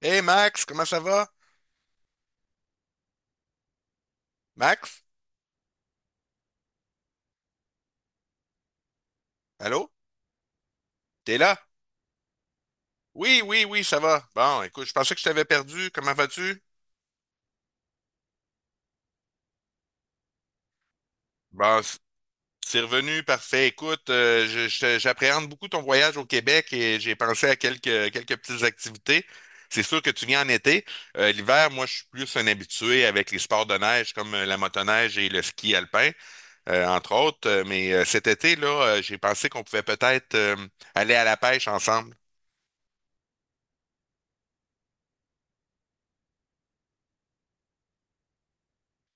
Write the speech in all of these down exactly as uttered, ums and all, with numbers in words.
Hey Max, comment ça va? Max? Allô? T'es là? Oui, oui, oui, ça va. Bon, écoute, je pensais que je t'avais perdu. Comment vas-tu? Bon, c- c'est revenu, parfait. Écoute, euh, je- je- j'appréhende beaucoup ton voyage au Québec et j'ai pensé à quelques, quelques petites activités. C'est sûr que tu viens en été. Euh, l'hiver, moi, je suis plus un habitué avec les sports de neige comme euh, la motoneige et le ski alpin, euh, entre autres. Euh, Mais euh, cet été, là, euh, j'ai pensé qu'on pouvait peut-être euh, aller à la pêche ensemble.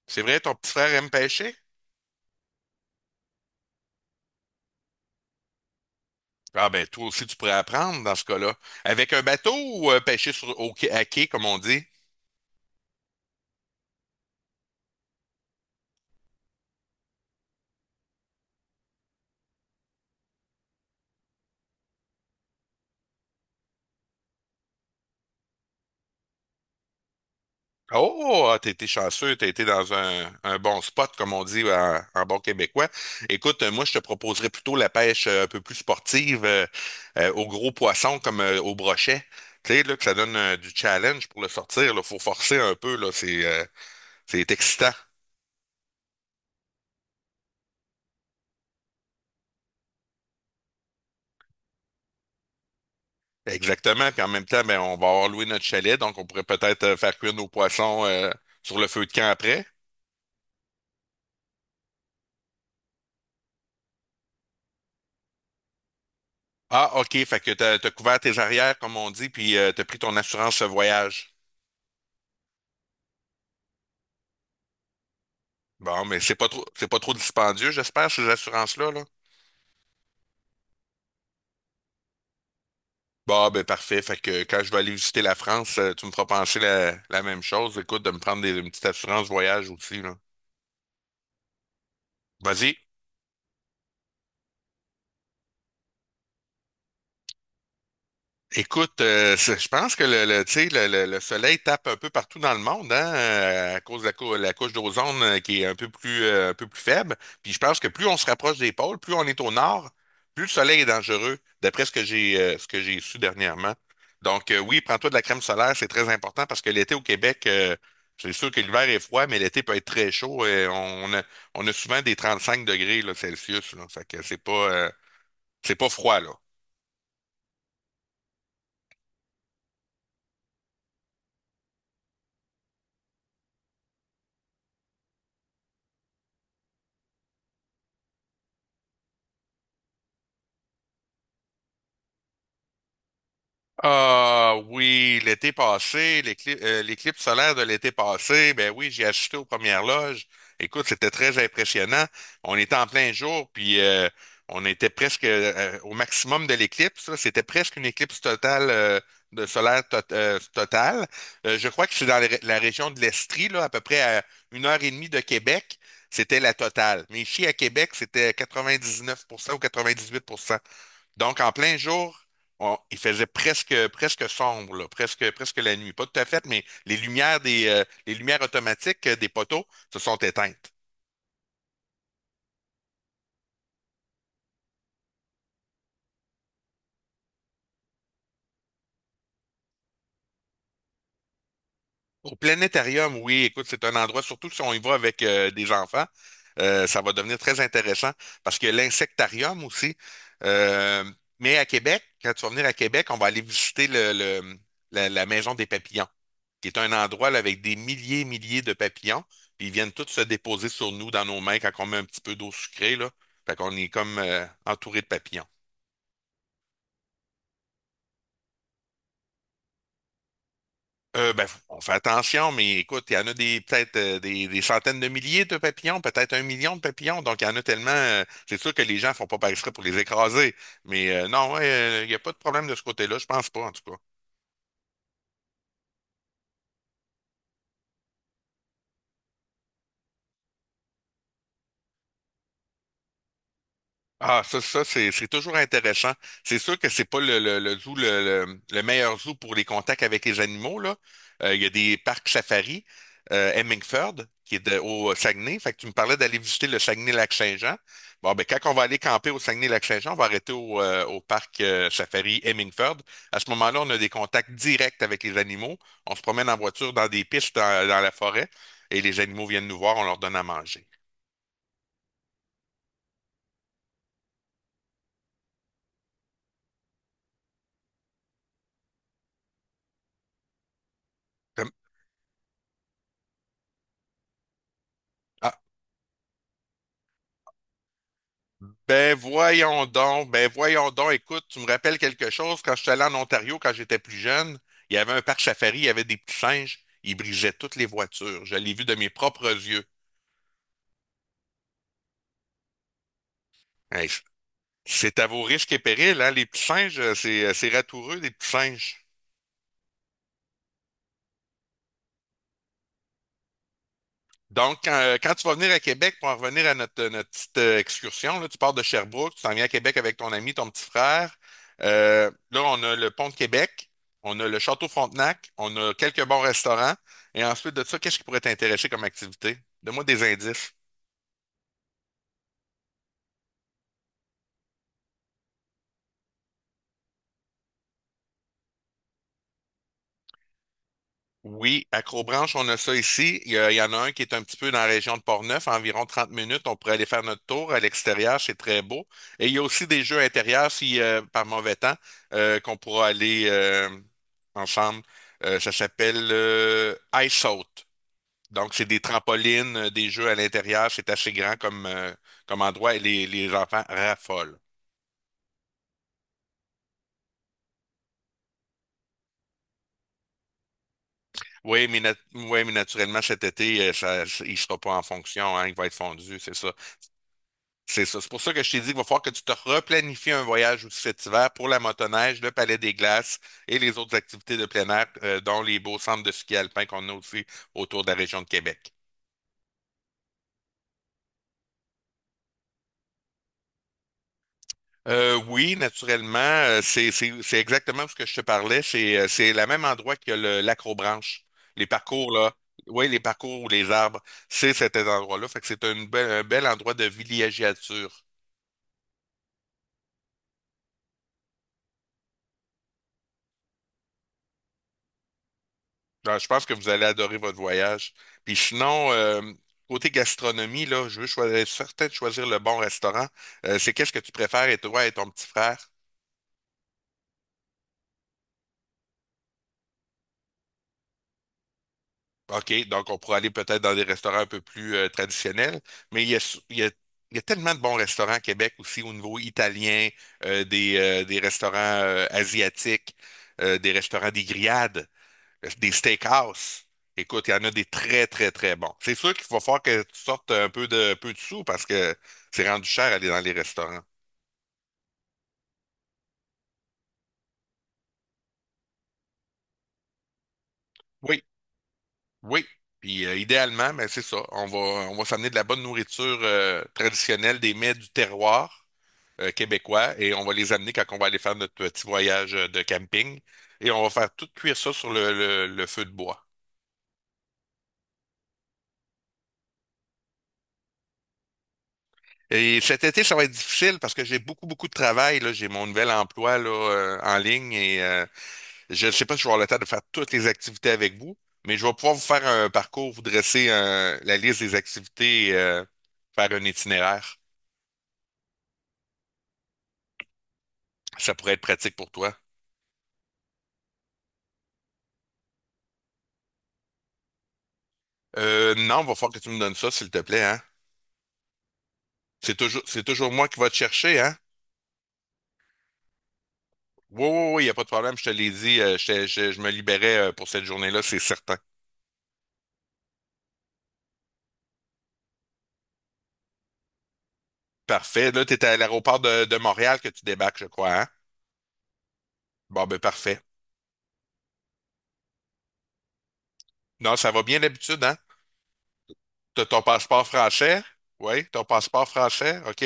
C'est vrai, ton petit frère aime pêcher? Ah ben toi aussi tu pourrais apprendre dans ce cas-là. Avec un bateau ou euh, pêcher sur au quai- à quai, comme on dit? Oh, ah, t'as été chanceux, t'as été dans un, un bon spot, comme on dit en, en bon québécois. Écoute, euh, moi, je te proposerais plutôt la pêche euh, un peu plus sportive euh, euh, aux gros poissons comme euh, au brochet. Tu sais, là, que ça donne euh, du challenge pour le sortir. Il faut forcer un peu, là. C'est euh, c'est excitant. Exactement. Puis en même temps, ben, on va avoir loué notre chalet, donc on pourrait peut-être euh, faire cuire nos poissons euh, sur le feu de camp après. Ah, OK, fait que t'as, t'as couvert tes arrières, comme on dit, puis euh, t'as pris ton assurance voyage. Bon, mais c'est pas trop, c'est pas trop dispendieux, j'espère, ces assurances-là, là. Bon, ben parfait. Fait que quand je vais aller visiter la France, euh, tu me feras penser la, la même chose. Écoute, de me prendre des, une petite assurance voyage aussi, là. Vas-y. Écoute, euh, c'est- je pense que le, le, tu sais, le, le- le soleil tape un peu partout dans le monde, hein, euh, à cause de la, cou- la couche d'ozone euh, qui est un peu plus, euh, un peu plus faible. Puis je pense que plus on se rapproche des pôles, plus on est au nord, plus le soleil est dangereux, d'après ce que j'ai euh, ce que j'ai su dernièrement. Donc euh, oui, prends-toi de la crème solaire, c'est très important parce que l'été au Québec, euh, c'est sûr que l'hiver est froid, mais l'été peut être très chaud. Et on, on a, on a souvent des trente-cinq degrés là, Celsius. Là, fait que c'est pas, euh, c'est pas froid, là. Ah oui, l'été passé, l'éclipse euh, l'éclipse solaire de l'été passé, ben oui, j'ai assisté aux premières loges. Écoute, c'était très impressionnant. On était en plein jour, puis euh, on était presque euh, au maximum de l'éclipse. là. C'était presque une éclipse totale euh, de solaire tot- euh, totale. Euh, je crois que c'est dans la ré- la région de l'Estrie, là, à peu près à une heure et demie de Québec, c'était la totale. Mais ici à Québec, c'était quatre-vingt-dix-neuf pour cent ou quatre-vingt-dix-huit pour cent. Donc, en plein jour, on- il faisait presque, presque sombre, là, presque, presque la nuit. Pas tout à fait, mais les lumières des, euh, les lumières automatiques euh, des poteaux se sont éteintes. Au planétarium, oui, écoute, c'est un endroit, surtout si on y va avec euh, des enfants, euh, ça va devenir très intéressant parce que l'insectarium aussi. euh, mais à Québec, quand tu vas venir à Québec, on va aller visiter le, le- la, la maison des papillons. qui est un endroit là, avec des milliers et milliers de papillons. Puis ils viennent tous se déposer sur nous, dans nos mains, quand on met un petit peu d'eau sucrée, là. Fait qu'on est comme euh, entouré de papillons. Euh, ben, on fait attention, mais écoute, il y en a des peut-être euh, des, des centaines de milliers de papillons, peut-être un million de papillons, donc il y en a tellement. Euh, c'est sûr que les gens font pas par exprès pour les écraser, mais euh, non, ouais, euh, il n'y a pas de problème de ce côté-là, je pense pas en tout cas. Ah, ça, ça, c'est, c'est toujours intéressant. C'est sûr que c'est pas le, le, le zoo, le, le, le meilleur zoo pour les contacts avec les animaux, là. Euh, il y a des parcs safari, euh, Hemingford, qui est de- au Saguenay. Fait que tu me parlais d'aller visiter le Saguenay-Lac-Saint-Jean. Bon, ben, quand on va aller camper au Saguenay-Lac-Saint-Jean, on va arrêter au, euh, au parc euh, safari Hemingford. À ce moment-là, on a des contacts directs avec les animaux. On se promène en voiture dans des pistes dans, dans la forêt et les animaux viennent nous voir, on leur donne à manger. Comme- ah, Ben voyons donc, ben voyons donc, écoute, tu me rappelles quelque chose, quand je suis allé en Ontario, quand j'étais plus jeune, il y avait un parc safari, il y avait des petits singes, ils brisaient toutes les voitures, je l'ai vu de mes propres yeux. Hey, c'est à vos risques et périls, hein, les petits singes, euh, c'est euh, c'est ratoureux, les petits singes. Donc, quand, euh, quand tu vas venir à Québec, pour en revenir à notre, euh, notre petite euh, excursion, là, tu pars de Sherbrooke, tu t'en viens à Québec avec ton ami, ton petit frère. Euh, là, on a le pont de Québec, on a le Château Frontenac, on a quelques bons restaurants. Et ensuite de ça, qu'est-ce qui pourrait t'intéresser comme activité? Donne-moi des indices. Oui, à Crobranche, on a ça ici. Il y, a- il y en a un qui est un petit peu dans la région de Portneuf, à environ 30 minutes. On pourrait aller faire notre tour à l'extérieur, c'est très beau. Et il y a aussi des jeux intérieurs, si euh, par mauvais temps, euh, qu'on pourra aller euh, ensemble. Euh, ça s'appelle euh, Ice Out. Donc, c'est des trampolines, euh, des jeux à l'intérieur. C'est assez grand comme, euh, comme endroit et les, les enfants raffolent. Oui, mais, nat- ouais, mais naturellement, cet été, euh, ça, il ne sera pas en fonction, hein, il va être fondu, c'est ça. C'est ça. C'est pour ça que je t'ai dit qu'il va falloir que tu te replanifies un voyage aussi cet hiver pour la motoneige, le Palais des Glaces et les autres activités de plein air, euh, dont les beaux centres de ski alpin qu'on a aussi autour de la région de Québec. Euh, oui, naturellement, euh, c'est c'est- c'est exactement ce que je te parlais. C'est euh, c'est le même endroit que le l'acrobranche. Les parcours, là. Oui, les parcours ou les arbres, c'est cet endroit-là. Fait que c'est un bel, un bel endroit de villégiature. Ah, je pense que vous allez adorer votre voyage. Puis sinon, euh, côté gastronomie, là, je veux choisir, certain de choisir le bon restaurant. Euh, c'est qu'est-ce que tu préfères, et toi et ton petit frère? OK, donc on pourrait aller peut-être dans des restaurants un peu plus euh, traditionnels, mais il y a, s- il y a- il y a tellement de bons restaurants à Québec aussi au niveau italien, euh, des, euh, des restaurants euh, asiatiques, euh, des restaurants des grillades. Des steakhouse. Écoute, il y en a des très, très, très bons. C'est sûr qu'il va falloir que tu sortes un peu de, peu de sous parce que c'est rendu cher aller dans les restaurants. Oui, oui. Puis euh, idéalement, ben, c'est ça. On va, on va s'amener de la bonne nourriture euh, traditionnelle, des mets du terroir euh, québécois, et on va les amener quand on va aller faire notre petit voyage euh, de camping. Et on va faire tout cuire ça sur le, le- le feu de bois. Et cet été, ça va être difficile parce que j'ai beaucoup, beaucoup de travail, là. J'ai mon nouvel emploi là, euh, en ligne et euh, je ne sais pas si je vais avoir le temps de faire toutes les activités avec vous, mais je vais pouvoir vous faire un parcours, vous dresser un- la liste des activités et euh, faire un itinéraire. Ça pourrait être pratique pour toi. Euh, non, il va falloir que tu me donnes ça, s'il te plaît, hein? C'est toujours, c'est toujours moi qui va te chercher, hein? Oui, oui, oui, il n'y a pas de problème, je te l'ai dit, euh, je, te- je- je me libérais euh, pour cette journée-là, c'est certain. Parfait. Là, tu es à l'aéroport de, de Montréal que tu débarques, je crois, hein? Bon, ben parfait. Non, ça va bien d'habitude, hein? T'as ton passeport français? Oui, ton passeport français? OK.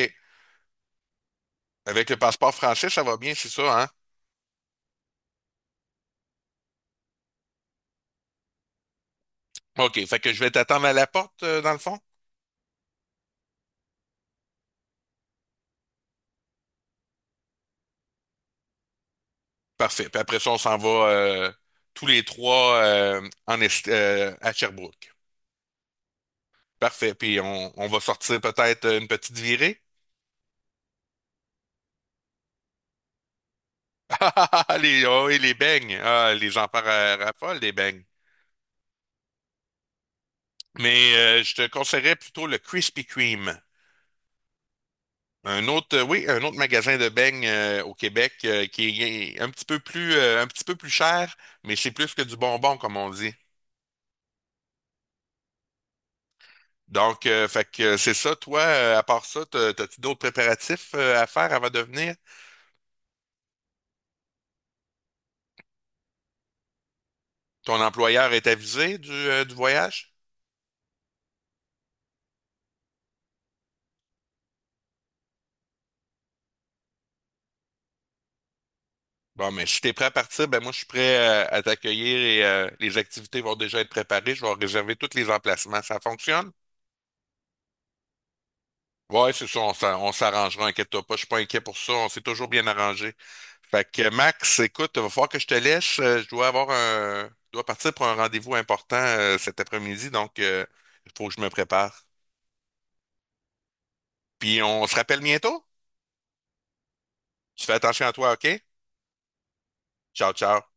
Avec le passeport français, ça va bien, c'est ça, hein? OK, fait que je vais t'attendre à la porte, euh, dans le fond? Parfait. Puis après ça, on s'en va euh, tous les trois euh, en est- euh, à Sherbrooke. Parfait. Puis on, on va sortir peut-être une petite virée. Ah, les, oh, et les beignes. Ah, les enfants ra- raffolent des beignes. Mais euh, je te conseillerais plutôt le Krispy Kreme. Un autre, euh, oui, un autre magasin de beignes euh, au Québec euh, qui est un petit peu plus, euh, un petit peu plus cher, mais c'est plus que du bonbon, comme on dit. Donc, euh, fait que euh, c'est ça, toi, euh, à part ça, t'as- t'as-tu d'autres préparatifs euh, à faire avant de venir? Ton employeur est avisé du, euh, du voyage? Bon, mais si t'es prêt à partir, ben moi je suis prêt euh, à t'accueillir et euh, les activités vont déjà être préparées. Je vais réserver tous les emplacements. Ça fonctionne? Ouais, c'est ça, on s'ar- on s'arrangera, inquiète-toi pas, je suis pas inquiet pour ça, on s'est toujours bien arrangé. Fait que euh, Max, écoute, va falloir que je te laisse. euh, Je dois avoir un je dois partir pour un rendez-vous important euh, cet après-midi, donc il faut que je me prépare. Puis on se rappelle bientôt? Tu fais attention à toi, OK? Ciao, ciao.